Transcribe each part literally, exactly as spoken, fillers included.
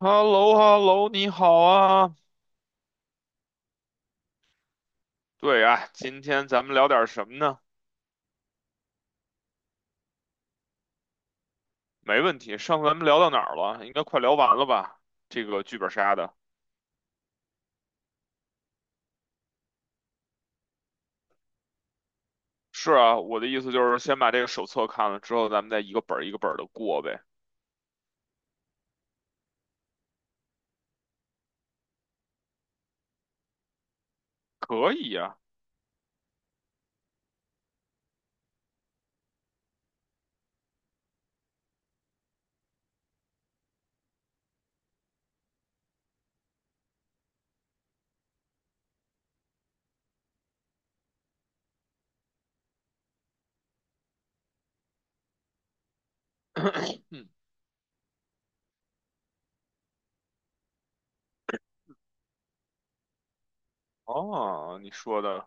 h e l l o h e l l o 你好啊。对啊，今天咱们聊点什么呢？没问题，上次咱们聊到哪儿了？应该快聊完了吧？这个剧本杀的。是啊，我的意思就是先把这个手册看了之后，咱们再一个本儿一个本儿的过呗。可以呀、嗯，哦，你说的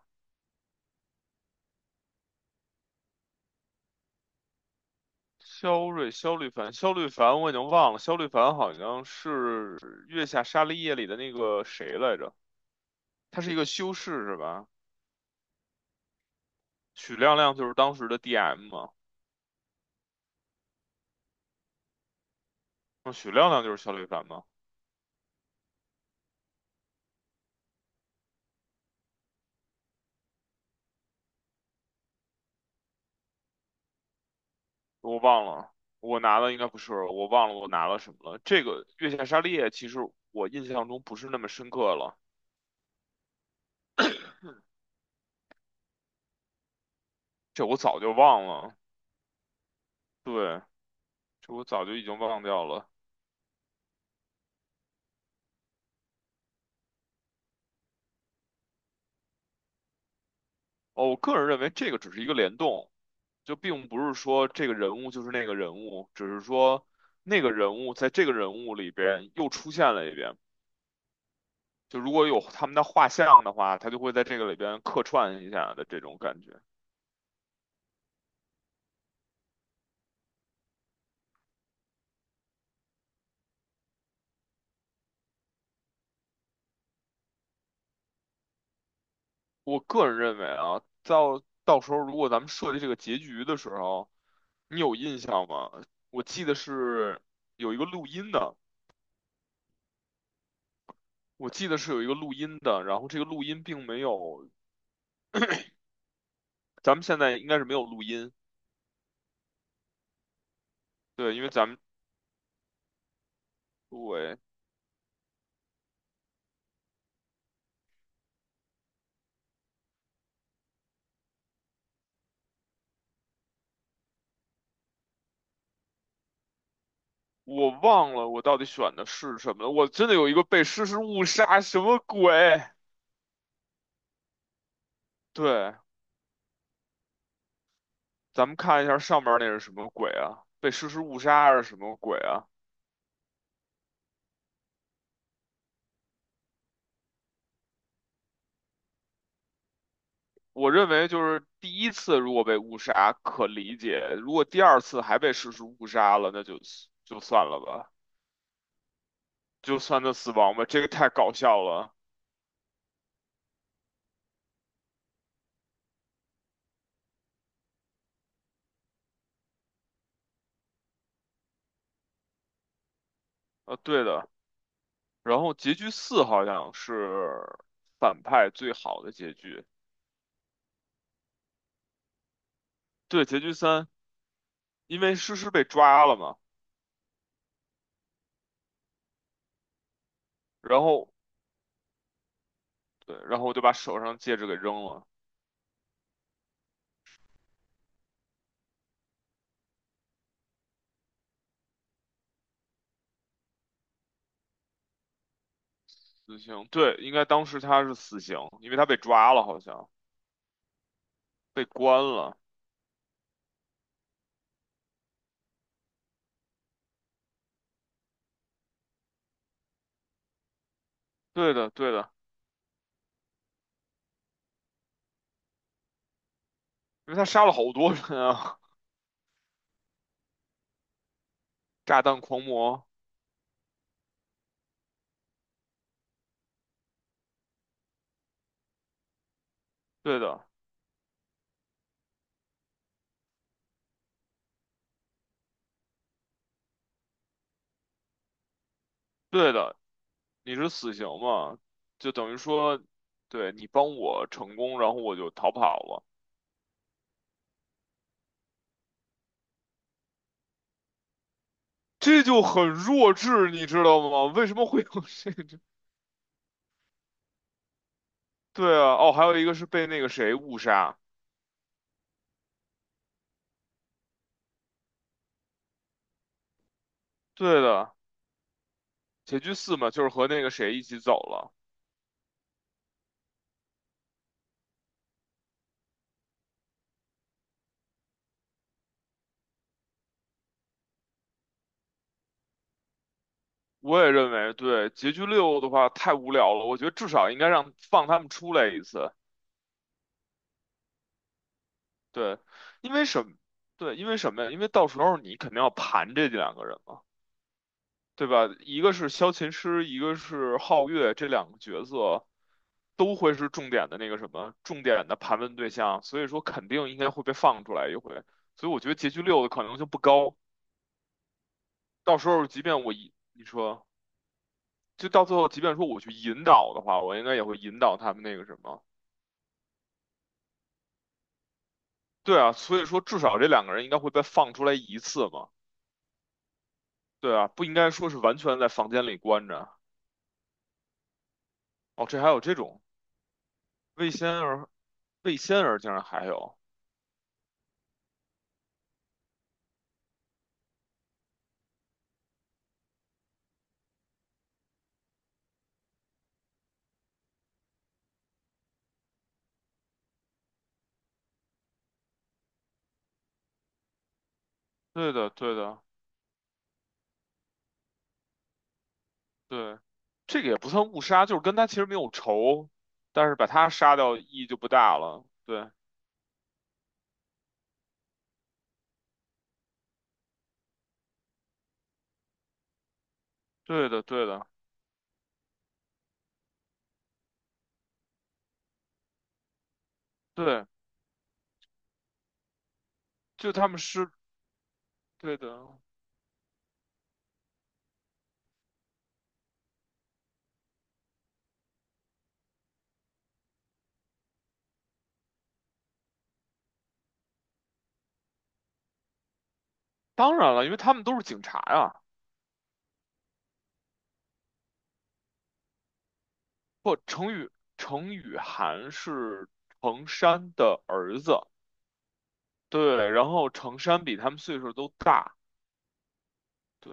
肖瑞、肖律凡、肖律凡，我已经忘了，肖律凡好像是《月下沙利叶》里的那个谁来着？他是一个修士是吧？许亮亮就是当时的 D M 嘛。嗯，许亮亮就是肖李凡吗？我忘了，我拿的应该不是，我忘了我拿了什么了。这个《月下沙利叶其实我印象中不是那么深刻了，这我早就忘了。对，这我早就已经忘掉了。哦，我个人认为这个只是一个联动，就并不是说这个人物就是那个人物，只是说那个人物在这个人物里边又出现了一遍。就如果有他们的画像的话，他就会在这个里边客串一下的这种感觉。我个人认为啊，到到时候如果咱们设计这个结局的时候，你有印象吗？我记得是有一个录音的，我记得是有一个录音的，然后这个录音并没有，咱们现在应该是没有录音，对，因为咱们我我忘了我到底选的是什么了，我真的有一个被诗诗误杀，什么鬼？对，咱们看一下上面那是什么鬼啊？被诗诗误杀还是什么鬼啊？我认为就是第一次如果被误杀可理解，如果第二次还被实施误杀了，那就就算了吧，就算他死亡吧，这个太搞笑了。呃，对的，然后结局四好像是反派最好的结局，对，结局三，因为诗诗被抓了嘛，然后对，然后我就把手上戒指给扔了，死刑，对，应该当时他是死刑，因为他被抓了，好像被关了，对的，对的，因为他杀了好多人啊。炸弹狂魔，对的，对的，你是死刑嘛？就等于说，对你帮我成功，然后我就逃跑了，这就很弱智，你知道吗？为什么会有这个？对啊，哦，还有一个是被那个谁误杀，对的，结局四嘛，就是和那个谁一起走了。我也认为，对，结局六的话太无聊了，我觉得至少应该让放他们出来一次，对，因为什么对，因为什么呀？因为到时候你肯定要盘这两个人。对吧？一个是萧琴师，一个是皓月，这两个角色都会是重点的那个什么，重点的盘问对象，所以说肯定应该会被放出来一回。所以我觉得结局六的可能性不高。到时候即便我一你说，就到最后，即便说我去引导的话，我应该也会引导他们那个什么。对啊，所以说至少这两个人应该会被放出来一次嘛。对啊，不应该说是完全在房间里关着。哦，这还有这种魏仙儿，魏仙儿竟然还有。对的，对的。对，这个也不算误杀，就是跟他其实没有仇，但是把他杀掉意义就不大了。对，对的，对的，对，就他们是对的。当然了，因为他们都是警察呀。不，程宇程宇涵是程山的儿子，对，然后程山比他们岁数都大，对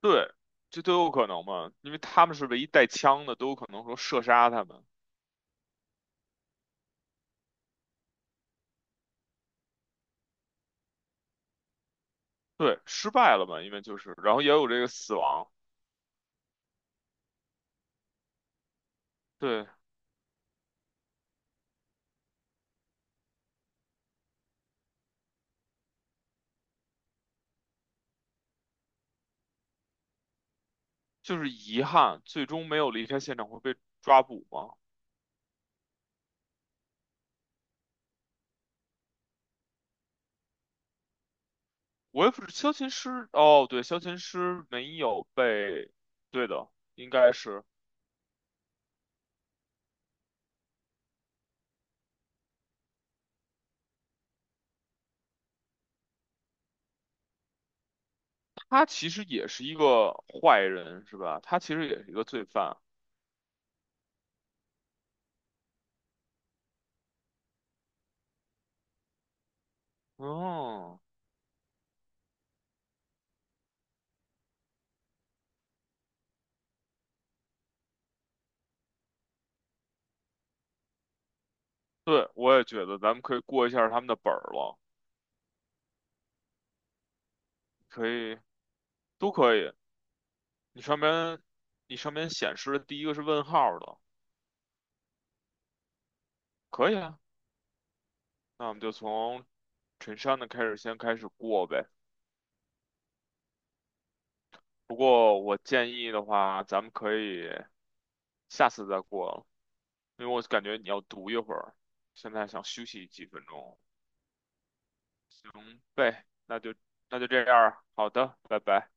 对，这都有可能嘛，因为他们是唯一带枪的，都有可能说射杀他们，对，失败了嘛，因为就是，然后也有这个死亡。对，就是遗憾，最终没有离开现场会被抓捕吗？我也不是，萧琴师，哦，对，萧琴师没有被，对的，应该是他其实也是一个坏人，是吧？他其实也是一个罪犯。嗯，对，我也觉得咱们可以过一下他们的本儿了，可以，都可以。你上面，你上面显示的第一个是问号的，可以啊。那我们就从陈山的开始，先开始过呗。不过我建议的话，咱们可以下次再过了因为我感觉你要读一会儿，现在想休息几分钟。行呗，那就那就这样儿好的，拜拜。